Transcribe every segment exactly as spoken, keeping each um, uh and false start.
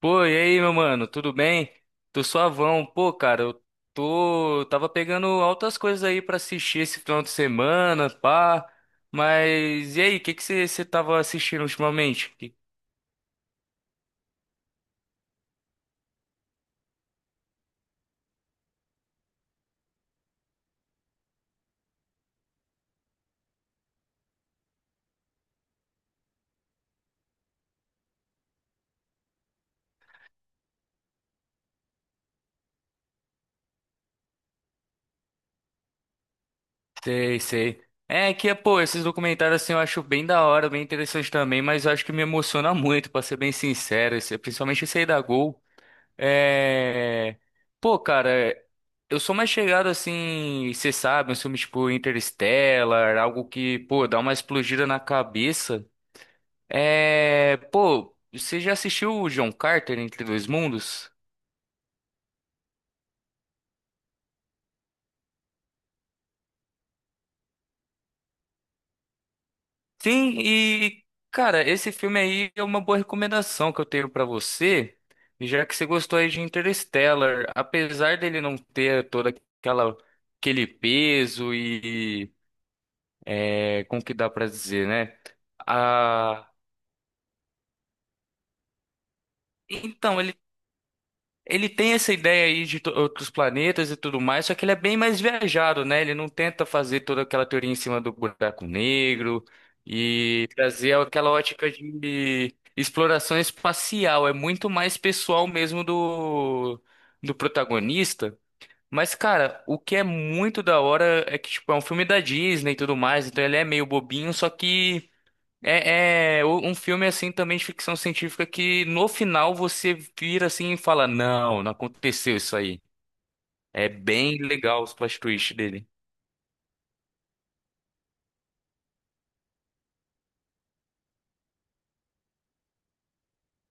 Pô, e aí, meu mano, tudo bem? Tô suavão. Pô, cara, eu tô. Tava pegando altas coisas aí pra assistir esse final de semana, pá. Mas e aí, o que que você tava assistindo ultimamente? Que- Sei, sei. É que, pô, esses documentários assim eu acho bem da hora, bem interessante também, mas eu acho que me emociona muito, pra ser bem sincero, esse- principalmente esse aí da Gol. É... Pô, cara, eu sou mais chegado assim, você sabe, uns filmes tipo Interstellar, algo que, pô, dá uma explodida na cabeça. É... Pô, você já assistiu o John Carter Entre Dois Mundos? Sim, e, cara, esse filme aí é uma boa recomendação que eu tenho pra você, já que você gostou aí de Interstellar, apesar dele não ter toda aquela... aquele peso e é, como que dá pra dizer, né? Então, ele, ele tem essa ideia aí de to- outros planetas e tudo mais, só que ele é bem mais viajado, né? Ele não tenta fazer toda aquela teoria em cima do buraco negro e trazer aquela ótica de exploração espacial. É muito mais pessoal mesmo do, do protagonista. Mas, cara, o que é muito da hora é que, tipo, é um filme da Disney e tudo mais, então ele é meio bobinho, só que. É, é um filme assim também de ficção científica que no final você vira assim e fala: Não, não aconteceu isso aí. É bem legal os plot twists dele.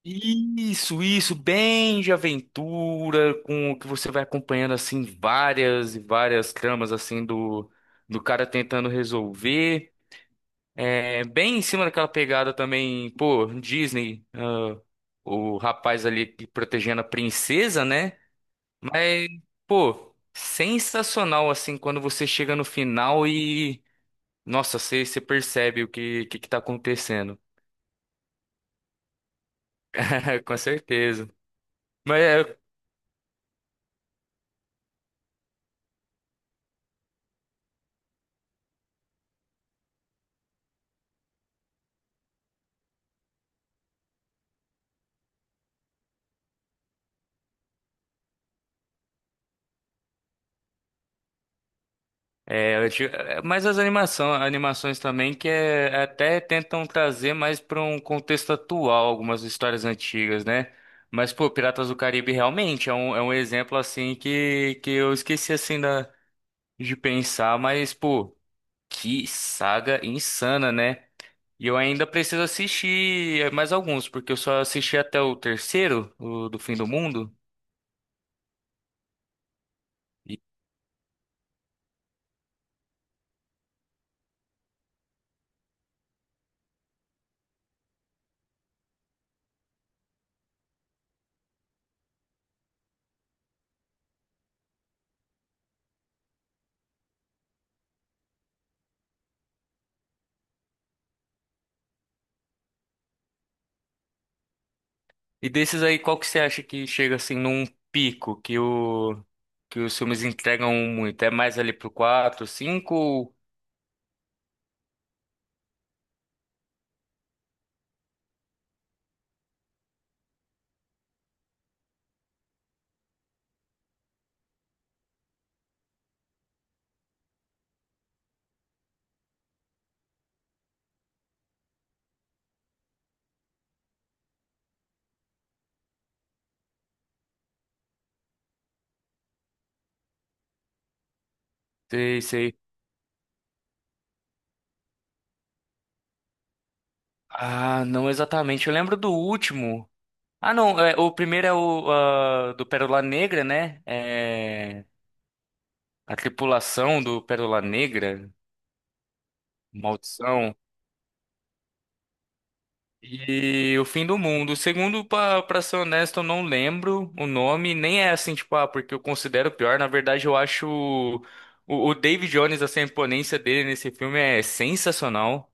Isso, isso, bem de aventura, com o que você vai acompanhando assim várias e várias tramas assim do, do cara tentando resolver. É, bem em cima daquela pegada também, pô, Disney, ah, o rapaz ali que protegendo a princesa, né? Mas, pô, sensacional assim quando você chega no final e, nossa, você, você percebe o que, que que tá acontecendo. Com certeza. Mas é, é, eu ti- é, mas as animação, animações também que é, até tentam trazer mais para um contexto atual algumas histórias antigas, né? Mas, pô, Piratas do Caribe realmente é um, é um exemplo assim que, que eu esqueci assim da, de pensar, mas, pô, que saga insana, né? E eu ainda preciso assistir eh, mais alguns, porque eu só assisti até o terceiro, o do Fim do Mundo. E, e desses aí, qual que você acha que chega assim num pico que o que os filmes entregam um muito? É mais ali pro quatro cinco. Sei, sei. Ah, não exatamente. Eu lembro do último. Ah, não, é, o primeiro é o ah, do Pérola Negra, né? É, a tripulação do Pérola Negra, Maldição. E o Fim do Mundo. O segundo, pra, pra ser honesto, eu não lembro o nome. Nem é assim, tipo, ah, porque eu considero pior. Na verdade, eu acho o, o David Jones, assim, a imponência dele nesse filme é sensacional.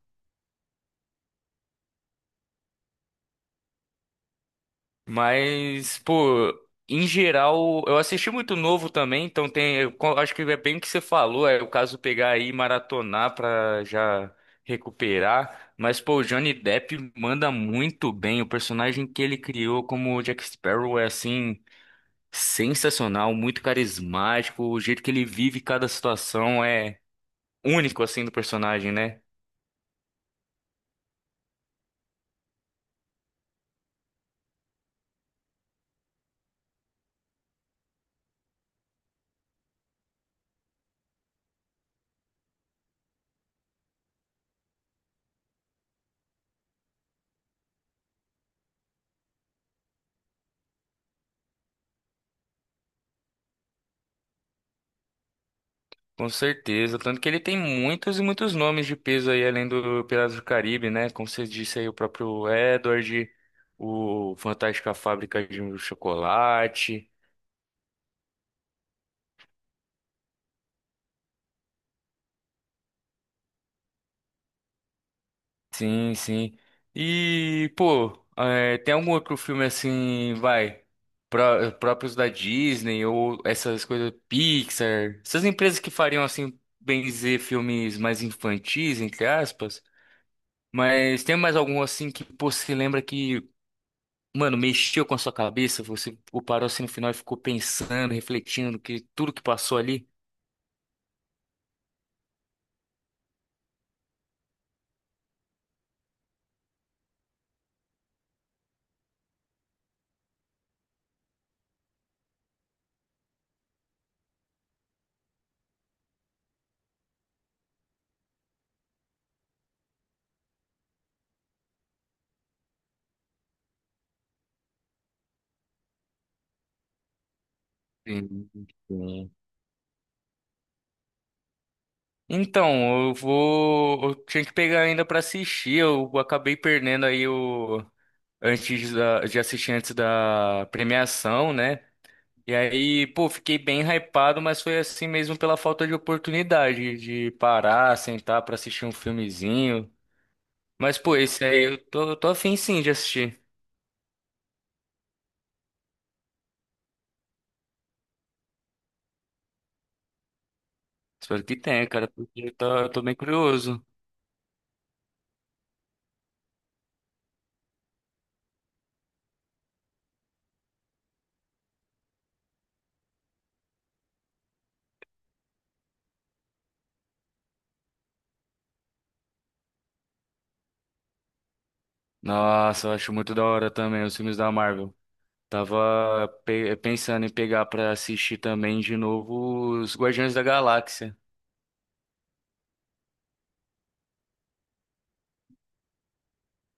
Mas, pô, em geral, eu assisti muito novo também, então tem. eu co- acho que é bem o que você falou. É o caso pegar aí e maratonar pra já recuperar. Mas, pô, o Johnny Depp manda muito bem. O personagem que ele criou como Jack Sparrow é assim. Sensacional, muito carismático, o jeito que ele vive cada situação é único assim do personagem, né? Com certeza, tanto que ele tem muitos e muitos nomes de peso aí além do Piratas do Caribe, né? Como você disse aí, o próprio Edward, o Fantástica Fábrica de Chocolate. Sim, sim. E, pô, é, tem algum outro filme assim, vai, pró- próprios da Disney ou essas coisas Pixar, essas empresas que fariam assim, bem dizer, filmes mais infantis, entre aspas, mas tem mais algum assim que pô, você lembra que, mano, mexeu com a sua cabeça, você pô, parou assim no final e ficou pensando, refletindo que tudo que passou ali? Sim, sim. Então, eu vou. Eu tinha que pegar ainda pra assistir. Eu acabei perdendo aí o. Antes da- de assistir antes da premiação, né? E aí, pô, fiquei bem hypado, mas foi assim mesmo pela falta de oportunidade de parar, sentar pra assistir um filmezinho. Mas, pô, esse aí eu tô, eu tô afim sim de assistir. Espero que tenha, cara, porque eu tô, eu tô bem curioso. Nossa, eu acho muito da hora também os filmes da Marvel. Tava pe- pensando em pegar pra assistir também de novo os Guardiões da Galáxia.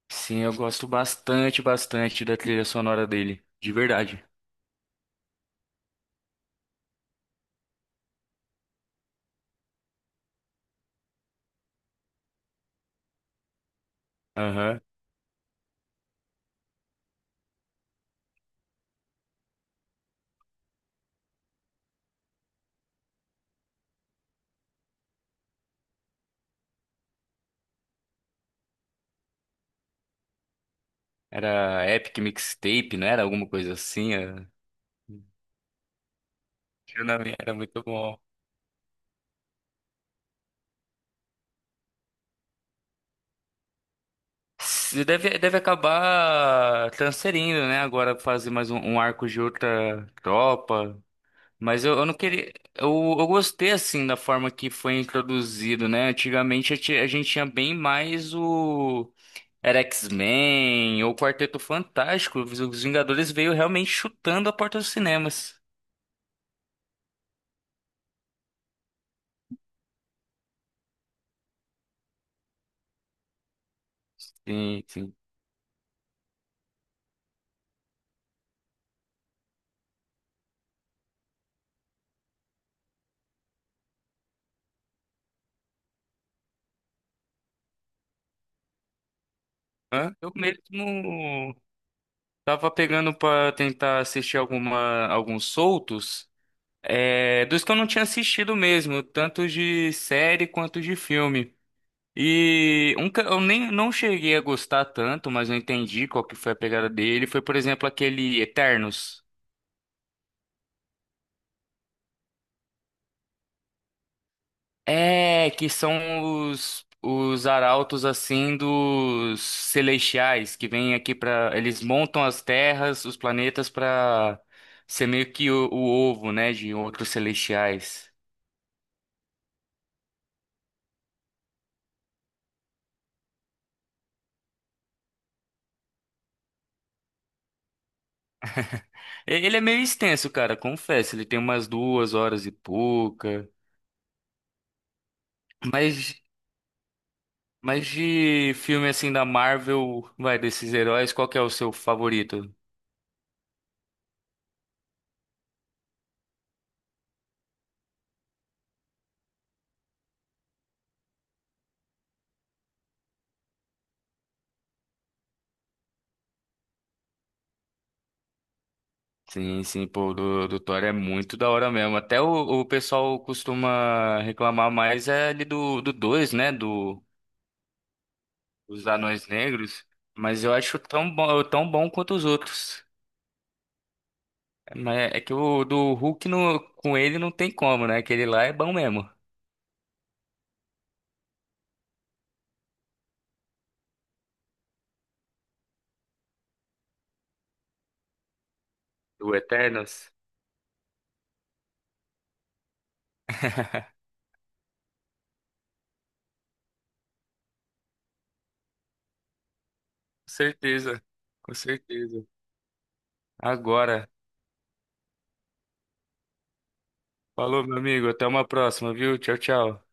Sim, eu gosto bastante, bastante da trilha sonora dele, de verdade. Aham. Era Epic Mixtape, não era alguma coisa assim? Era, era muito bom. Se Deve, deve acabar transferindo, né? Agora fazer mais um, um arco de outra tropa. Mas eu, eu não queria. Eu, eu gostei assim da forma que foi introduzido, né? Antigamente a ti- a gente tinha bem mais o. Era X-Men ou Quarteto Fantástico. Os os Vingadores veio realmente chutando a porta dos cinemas. Sim, sim. Hã? Eu mesmo tava pegando pra tentar assistir alguma, alguns soltos, é, dos que eu não tinha assistido mesmo, tanto de série quanto de filme. E um que eu nem não cheguei a gostar tanto, mas eu entendi qual que foi a pegada dele. Foi, por exemplo, aquele Eternos. É, que são os, os arautos assim dos celestiais que vêm aqui. Pra. Eles montam as terras, os planetas pra ser meio que o, o ovo, né, de outros celestiais. E- Ele é meio extenso, cara, confesso, ele tem umas duas horas e pouca. Mas. Mas de filme assim da Marvel, vai, desses heróis, qual que é o seu favorito? Sim, sim, pô, do, do Thor é muito da hora mesmo. Até o, o pessoal costuma reclamar mais é ali do, do dois, né? Do, dos Anões Negros. Mas eu acho tão bom, tão bom quanto os outros. Mas é que o do Hulk no, com ele não tem como, né? Aquele lá é bom mesmo. Do Eternos? Com certeza, com certeza. Agora. Falou, meu amigo. Até uma próxima, viu? Tchau, tchau.